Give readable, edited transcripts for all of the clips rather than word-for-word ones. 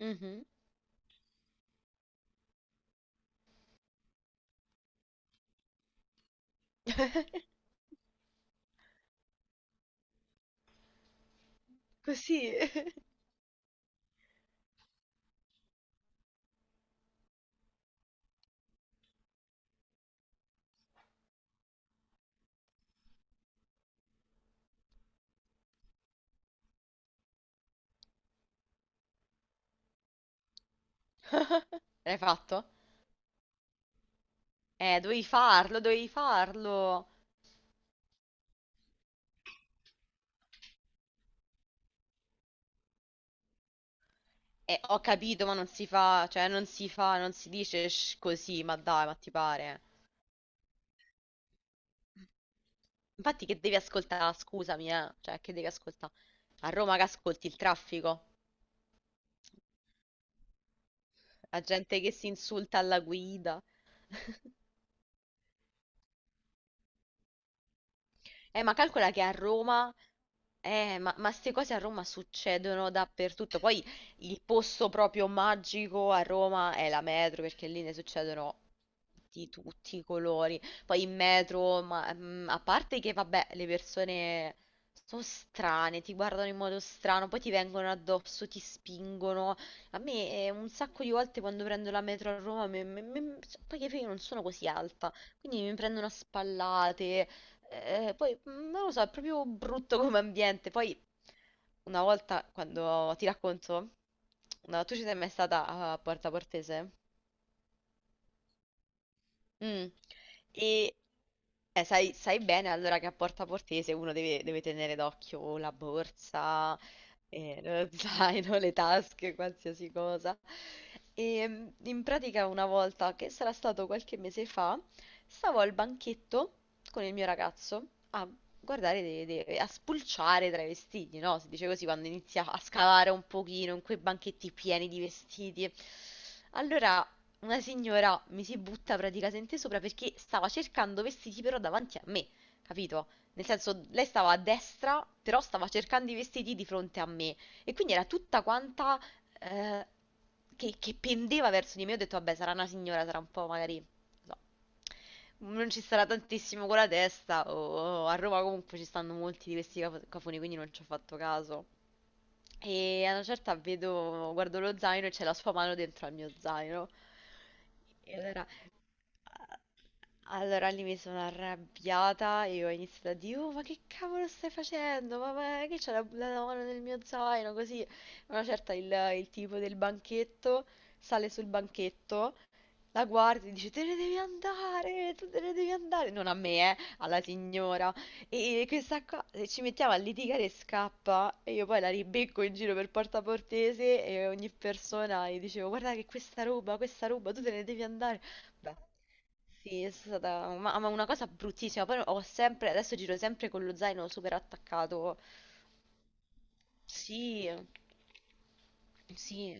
Mhm. Così. L'hai fatto? Dovevi farlo, dovevi farlo. Ho capito, ma non si fa, cioè non si fa, non si dice così, ma dai, ma ti pare. Infatti che devi ascoltare, scusami, cioè che devi ascoltare. A Roma che ascolti il traffico, la gente che si insulta alla guida. Ma calcola che a Roma, ma ste cose a Roma succedono dappertutto. Poi il posto proprio magico a Roma è la metro, perché lì ne succedono di tutti i colori. Poi in metro, a parte che, vabbè, le persone sono strane, ti guardano in modo strano, poi ti vengono addosso, ti spingono. A me un sacco di volte quando prendo la metro a Roma, cioè, poi che io non sono così alta, quindi mi prendono a spallate. Poi, non lo so, è proprio brutto come ambiente. Poi una volta quando ti racconto, no, tu ci sei mai stata a Porta Portese? Mm. E sai bene allora che a Porta Portese uno deve tenere d'occhio la borsa, lo zaino, le tasche, qualsiasi cosa. In pratica una volta, che sarà stato qualche mese fa, stavo al banchetto con il mio ragazzo a guardare, a spulciare tra i vestiti, no? Si dice così quando inizia a scavare un pochino in quei banchetti pieni di vestiti. Allora una signora mi si butta praticamente sopra perché stava cercando vestiti però davanti a me, capito? Nel senso, lei stava a destra, però stava cercando i vestiti di fronte a me. E quindi era tutta quanta eh, che pendeva verso di me. Ho detto, vabbè, sarà una signora, sarà un po' magari, non so, non ci sarà tantissimo con la testa, o a Roma comunque ci stanno molti di questi cafoni, quindi non ci ho fatto caso. E a una certa vedo, guardo lo zaino e c'è la sua mano dentro al mio zaino. E allora lì mi sono arrabbiata e ho iniziato a dire, oh ma che cavolo stai facendo? Ma che c'è la mano nel mio zaino? Così, a una certa il tipo del banchetto sale sul banchetto, la guarda e dice, te ne devi andare, tu te ne devi andare. Non a me, alla signora. E questa qua se ci mettiamo a litigare e scappa e io poi la ribecco in giro per Porta Portese e ogni persona gli dicevo guarda che questa roba, tu te ne devi andare. Beh, sì, è stata ma una cosa bruttissima. Poi ho sempre, adesso giro sempre con lo zaino super attaccato. Sì, sì.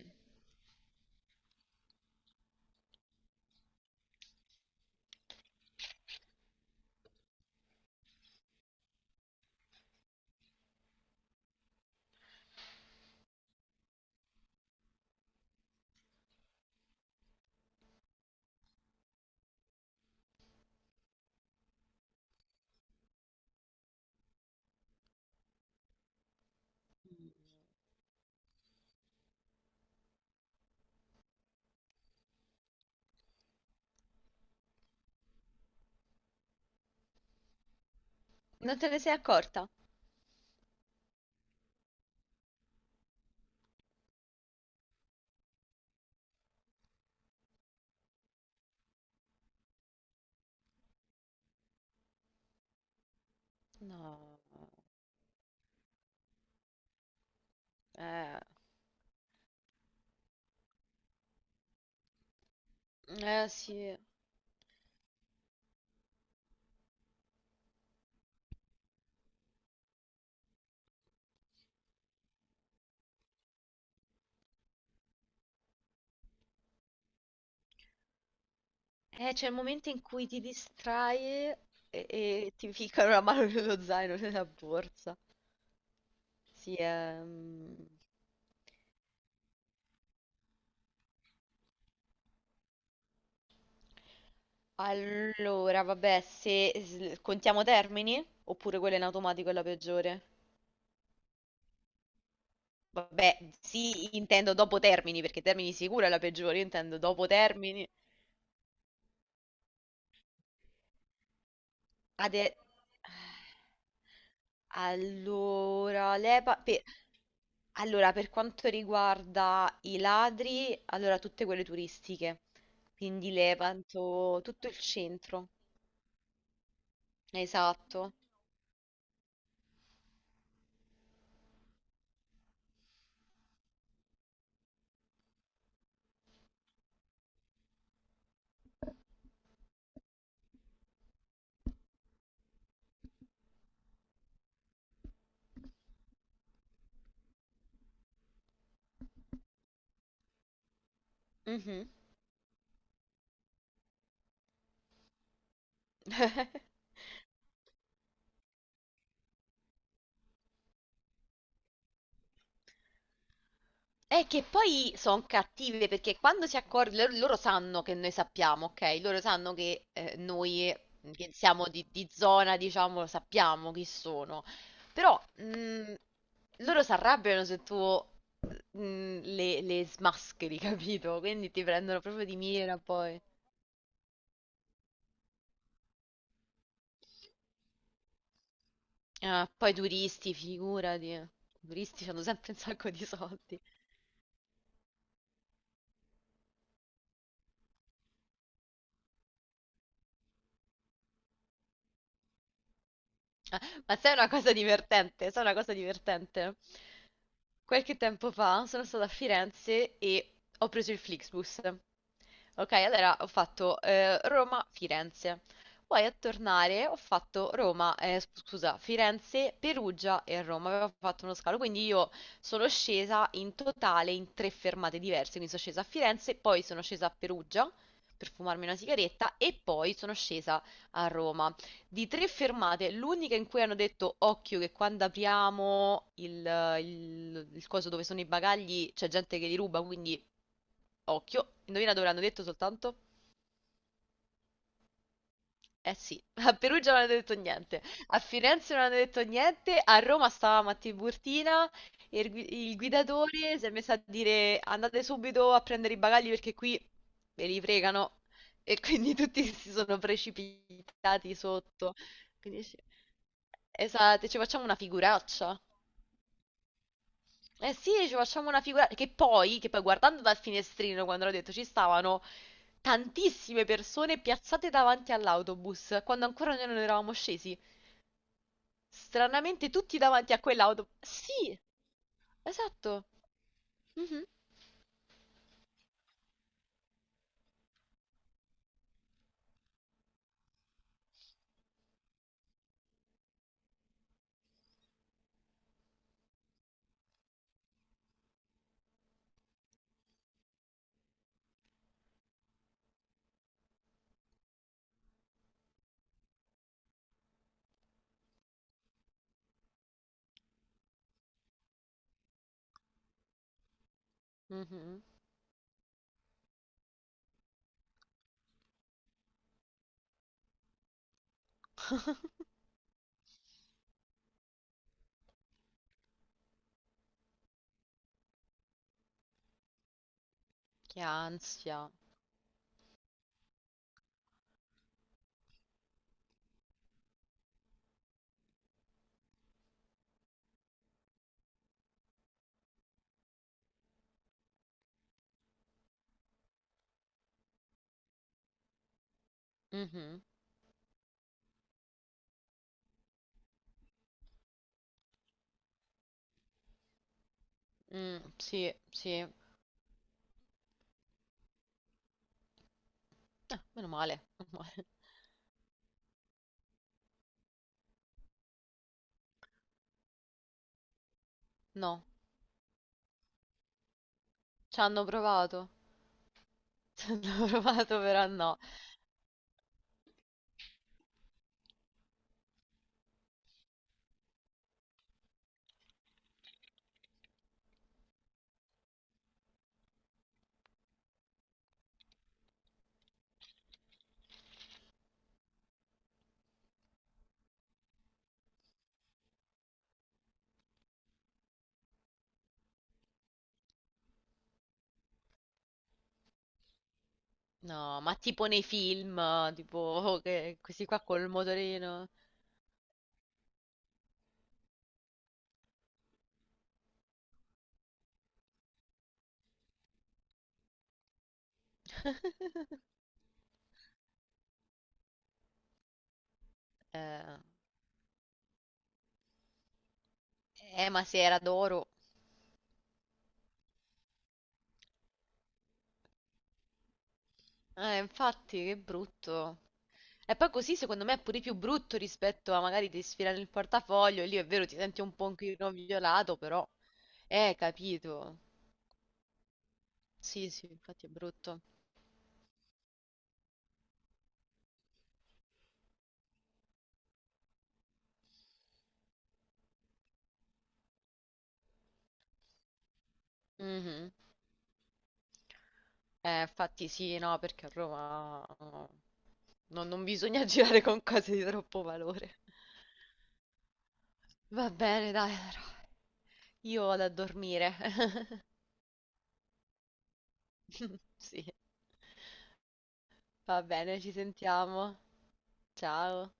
Non te ne sei accorta? No. Eh, eh sì. C'è il momento in cui ti distrai e ti ficcano la mano nello zaino, nella borsa. Sì. Allora, vabbè, se contiamo Termini, oppure quella in automatico è la peggiore? Vabbè, sì, intendo dopo Termini, perché Termini sicuro è la peggiore, io intendo dopo Termini. Ade... Allora, l'EPA... per- Allora, per quanto riguarda i ladri, allora tutte quelle turistiche, quindi Levanto, tutto il centro, esatto. Mhm. È che poi sono cattive perché quando si accorgono, loro sanno che noi sappiamo, ok? Loro sanno che noi che siamo di zona, diciamo, sappiamo chi sono. Però loro si arrabbiano se tu le smascheri, capito? Quindi ti prendono proprio di mira poi. Ah, poi turisti, figurati. I turisti hanno sempre un sacco di soldi. Ma sai una cosa divertente? Sai una cosa divertente? Qualche tempo fa sono stata a Firenze e ho preso il Flixbus. Ok, allora ho fatto Roma-Firenze. Poi a tornare ho fatto Roma, scusa, Firenze, Perugia e Roma. Avevo fatto uno scalo, quindi io sono scesa in totale in tre fermate diverse. Quindi sono scesa a Firenze, poi sono scesa a Perugia per fumarmi una sigaretta e poi sono scesa a Roma. Di tre fermate, l'unica in cui hanno detto occhio che quando apriamo il coso dove sono i bagagli c'è gente che li ruba, quindi occhio. Indovina dove l'hanno detto soltanto? Eh sì, a Perugia non hanno detto niente, a Firenze non hanno detto niente, a Roma stavamo a Tiburtina e il guidatore si è messo a dire andate subito a prendere i bagagli perché qui ve li fregano e quindi tutti si sono precipitati sotto. Quindi dici, esatto, ci facciamo una figuraccia. Eh sì, ci facciamo una figura che poi guardando dal finestrino quando l'ho detto ci stavano tantissime persone piazzate davanti all'autobus quando ancora noi non eravamo scesi. Stranamente tutti davanti a quell'autobus. Sì, esatto. Mhm, mhm. Che ansia. Mhm, mm, sì, sì. Ah, meno male, meno male. No, ci hanno provato. Ci hanno provato, però no. No, ma tipo nei film, tipo oh, che questi qua col motorino. Eh, eh, ma se era d'oro. Infatti, che brutto. E poi così secondo me è pure più brutto rispetto a magari ti sfilano il portafoglio, e lì è vero ti senti un po' un pochino violato, però. Capito. Sì, sì, infatti è brutto. Mhm. Infatti sì, no, perché a Roma no, non bisogna girare con cose di troppo valore. Va bene, dai, allora. Io vado a dormire. Sì. Va bene, ci sentiamo. Ciao.